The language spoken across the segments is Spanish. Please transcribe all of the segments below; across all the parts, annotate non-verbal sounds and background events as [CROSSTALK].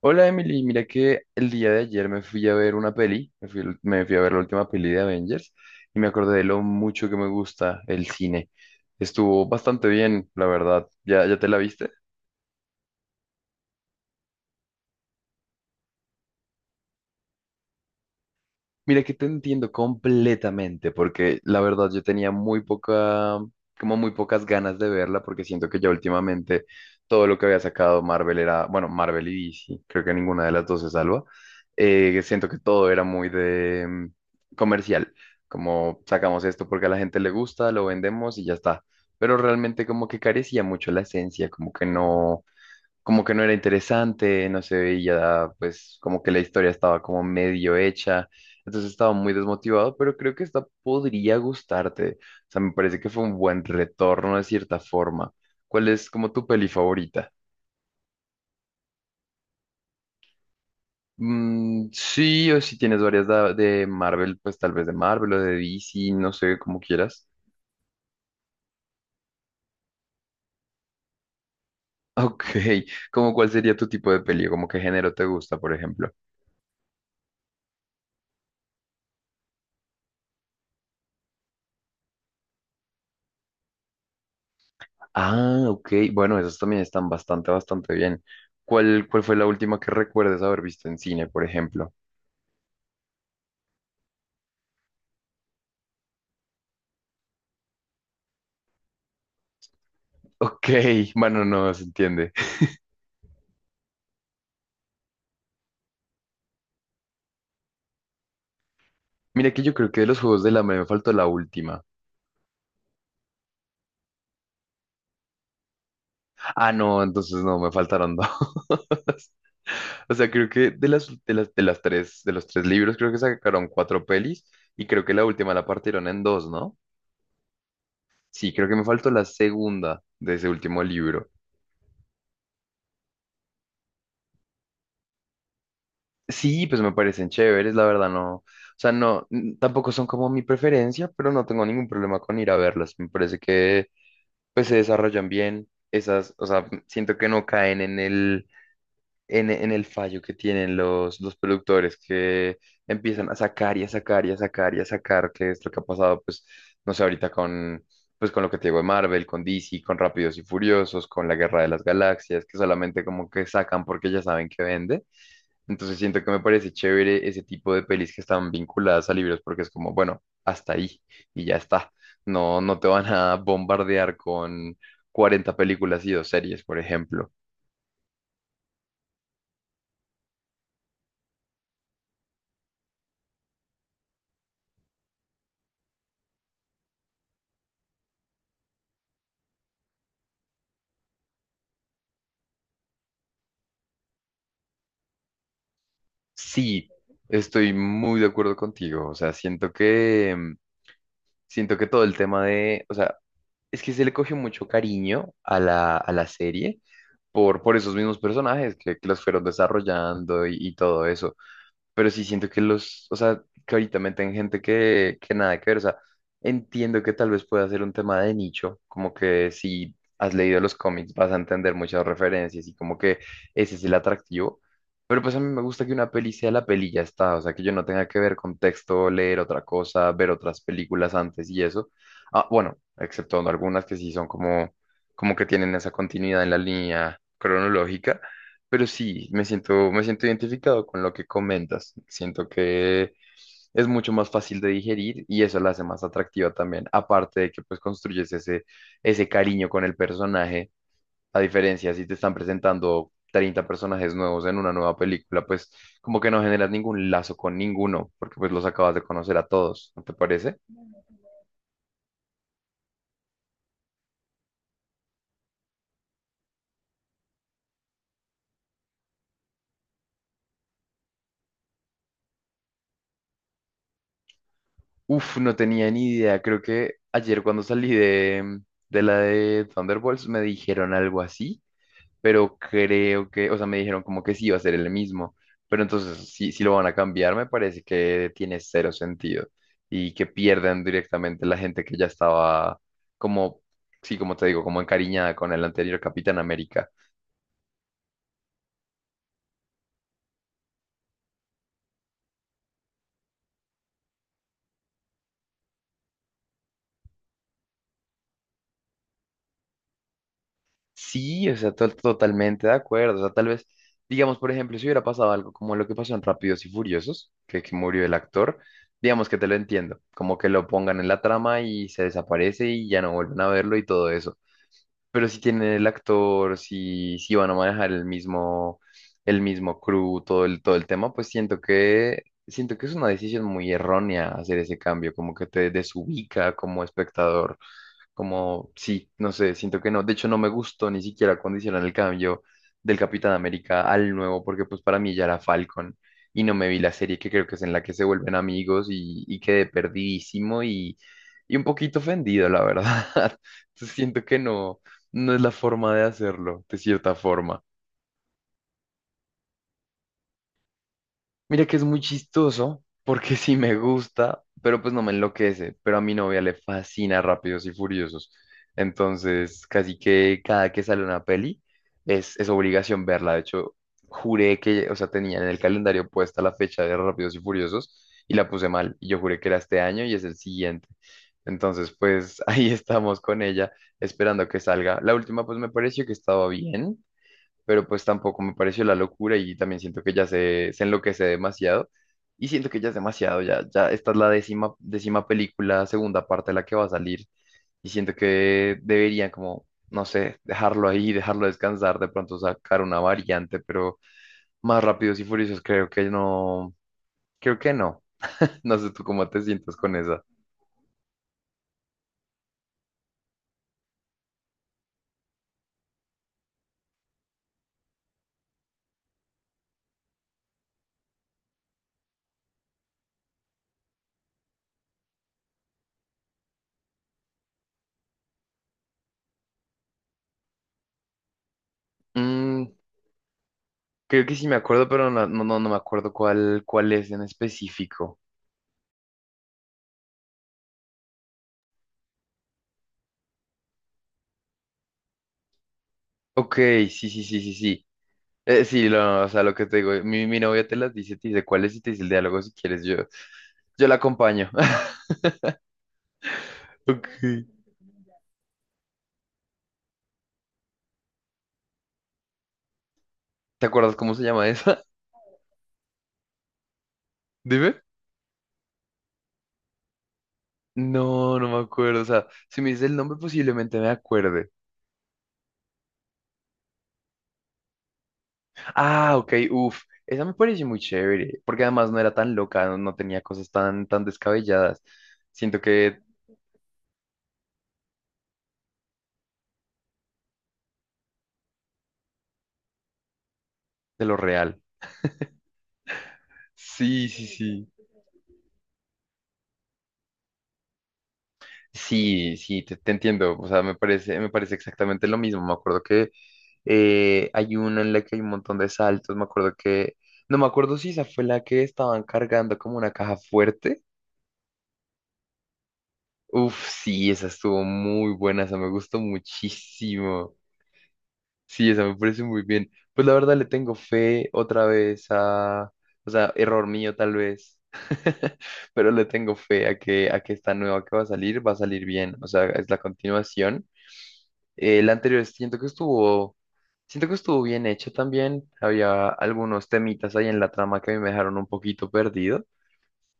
Hola Emily, mira que el día de ayer me fui a ver una peli, me fui a ver la última peli de Avengers y me acordé de lo mucho que me gusta el cine. Estuvo bastante bien, la verdad. Ya te la viste? Mira que te entiendo completamente, porque la verdad yo tenía muy poca, como muy pocas ganas de verla, porque siento que ya últimamente todo lo que había sacado Marvel era, bueno, Marvel y DC, creo que ninguna de las dos se salva. Siento que todo era muy de comercial, como sacamos esto porque a la gente le gusta, lo vendemos y ya está. Pero realmente como que carecía mucho la esencia, como que no era interesante, no se veía, pues como que la historia estaba como medio hecha, entonces estaba muy desmotivado, pero creo que esta podría gustarte, o sea, me parece que fue un buen retorno de cierta forma. ¿Cuál es como tu peli favorita? Sí, o si tienes varias de Marvel, pues tal vez de Marvel o de DC, no sé, como quieras. Ok, ¿como cuál sería tu tipo de peli? ¿Como qué género te gusta, por ejemplo? Ah, ok. Bueno, esas también están bastante bien. Cuál fue la última que recuerdes haber visto en cine, por ejemplo? [LAUGHS] Ok, bueno, no se entiende. Mira que yo creo que de los Juegos del Hambre me faltó la última. Ah, no, entonces no, me faltaron dos. [LAUGHS] O sea, creo que de los tres libros, creo que sacaron cuatro pelis y creo que la última la partieron en dos, ¿no? Sí, creo que me faltó la segunda de ese último libro. Sí, pues me parecen chéveres, la verdad, no. O sea, no, tampoco son como mi preferencia, pero no tengo ningún problema con ir a verlos. Me parece que pues se desarrollan bien esas, o sea, siento que no caen en en el fallo que tienen los productores que empiezan a sacar y a sacar y a sacar y a sacar, que es lo que ha pasado, pues, no sé, con lo que te digo de Marvel, con DC, con Rápidos y Furiosos, con la Guerra de las Galaxias, que solamente como que sacan porque ya saben que vende. Entonces siento que me parece chévere ese tipo de pelis que están vinculadas a libros porque es como, bueno, hasta ahí y ya está. No, no te van a bombardear con 40 películas y dos series, por ejemplo. Sí, estoy muy de acuerdo contigo. O sea, siento que siento que todo el tema de, o sea, es que se le cogió mucho cariño a a la serie por esos mismos personajes que los fueron desarrollando y todo eso. Pero sí siento que los, o sea, que ahorita meten gente que nada que ver. O sea, entiendo que tal vez pueda ser un tema de nicho, como que si has leído los cómics vas a entender muchas referencias y como que ese es el atractivo. Pero pues a mí me gusta que una peli sea la peli y ya está, o sea, que yo no tenga que ver contexto, leer otra cosa, ver otras películas antes y eso. Ah, bueno, excepto algunas que sí son como, como que tienen esa continuidad en la línea cronológica, pero sí, me siento identificado con lo que comentas. Siento que es mucho más fácil de digerir y eso la hace más atractiva también. Aparte de que pues construyes ese cariño con el personaje, a diferencia si te están presentando 30 personajes nuevos en una nueva película, pues como que no generas ningún lazo con ninguno, porque pues los acabas de conocer a todos, ¿no te parece? Uf, no tenía ni idea. Creo que ayer cuando salí de la de Thunderbolts me dijeron algo así, pero creo que, o sea, me dijeron como que sí iba a ser el mismo, pero entonces si lo van a cambiar, me parece que tiene cero sentido y que pierdan directamente la gente que ya estaba como, sí, como te digo, como encariñada con el anterior Capitán América. Sí, o sea, totalmente de acuerdo, o sea, tal vez, digamos, por ejemplo, si hubiera pasado algo como lo que pasó en Rápidos y Furiosos, que murió el actor. Digamos que te lo entiendo, como que lo pongan en la trama y se desaparece y ya no vuelven a verlo y todo eso. Pero si tienen el actor, si van a manejar el mismo crew, todo el tema, pues siento que es una decisión muy errónea hacer ese cambio, como que te desubica como espectador. Como, sí, no sé, siento que no. De hecho, no me gustó ni siquiera cuando hicieron el cambio del Capitán América al nuevo, porque pues para mí ya era Falcon y no me vi la serie que creo que es en la que se vuelven amigos y quedé perdidísimo y un poquito ofendido, la verdad. [LAUGHS] Entonces siento que no, no es la forma de hacerlo, de cierta forma. Mira que es muy chistoso porque [LAUGHS] sí me gusta, pero pues no me enloquece. Pero a mi novia le fascina Rápidos y Furiosos. Entonces, casi que cada que sale una peli es obligación verla. De hecho, juré que, o sea, tenía en el calendario puesta la fecha de Rápidos y Furiosos y la puse mal. Y yo juré que era este año y es el siguiente. Entonces, pues [LAUGHS] ahí estamos con ella esperando que salga. La última, pues me pareció que estaba bien, pero pues tampoco me pareció la locura y también siento que ya se enloquece demasiado y siento que ya es demasiado, ya esta es la décima película, segunda parte de la que va a salir y siento que deberían como, no sé, dejarlo ahí, dejarlo descansar, de pronto sacar una variante, pero más rápidos y furiosos creo que no, [LAUGHS] no sé tú cómo te sientes con esa. Mm, creo que sí me acuerdo, pero no, no, no me acuerdo cuál, cuál es en específico. Ok, sí, sí, sí, sí, sí. Sí, lo, o sea, lo que te digo, mi novia te las dice, te dice cuál es y te dice el diálogo si quieres, yo la acompaño. [LAUGHS] Ok. ¿Te acuerdas cómo se llama esa? [LAUGHS] Dime. No, no me acuerdo, o sea, si me dices el nombre posiblemente me acuerde. Ah, ok, uff, esa me pareció muy chévere, porque además no era tan loca, no, no tenía cosas tan descabelladas. Siento que de lo real. Sí, sí, sí. Sí, sí, te entiendo. O sea, me parece exactamente lo mismo. Me acuerdo que hay una en la que hay un montón de saltos. Me acuerdo que, no me acuerdo si esa fue la que estaban cargando como una caja fuerte. Uf, sí, esa estuvo muy buena. Esa me gustó muchísimo. Sí, esa me parece muy bien. Pues la verdad le tengo fe otra vez a, o sea, error mío tal vez. [LAUGHS] Pero le tengo fe a que esta nueva que va a salir bien. O sea, es la continuación. El anterior siento que estuvo bien hecho también. Había algunos temitas ahí en la trama que a mí me dejaron un poquito perdido.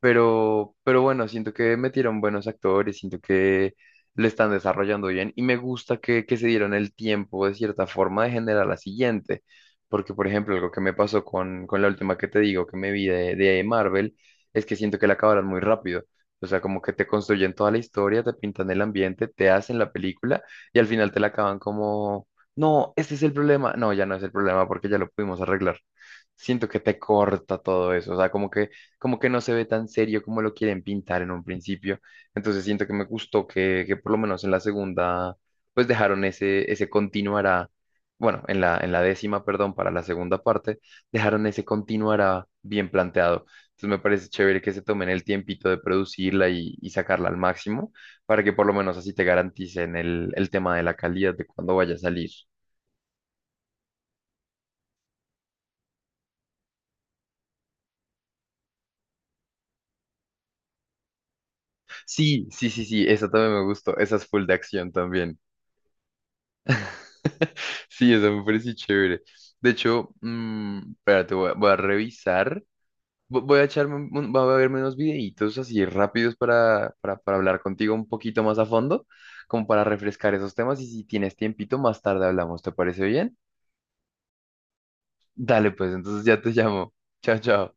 Pero bueno, siento que metieron buenos actores, siento que lo están desarrollando bien y me gusta que se dieron el tiempo de cierta forma de generar la siguiente. Porque, por ejemplo, algo que me pasó con la última que te digo que me vi de Marvel es que siento que la acabaron muy rápido. O sea, como que te construyen toda la historia, te pintan el ambiente, te hacen la película y al final te la acaban como, no, este es el problema. No, ya no es el problema porque ya lo pudimos arreglar, siento que te corta todo eso, o sea, como que no se ve tan serio como lo quieren pintar en un principio. Entonces siento que me gustó que por lo menos en la segunda, pues dejaron ese, ese continuará, bueno, en la décima, perdón, para la segunda parte, dejaron ese continuará bien planteado. Entonces me parece chévere que se tomen el tiempito de producirla y sacarla al máximo para que por lo menos así te garanticen el tema de la calidad de cuando vaya a salir. Sí, sí, sí, sí, esa también me gustó, esa es full de acción también. [LAUGHS] Sí, eso me parece chévere. De hecho, mm, espérate, voy a, voy a revisar. Voy a echarme, voy a verme unos videitos así rápidos para hablar contigo un poquito más a fondo, como para refrescar esos temas. Y si tienes tiempito, más tarde hablamos. ¿Te parece bien? Dale, pues, entonces ya te llamo. Chao, chao.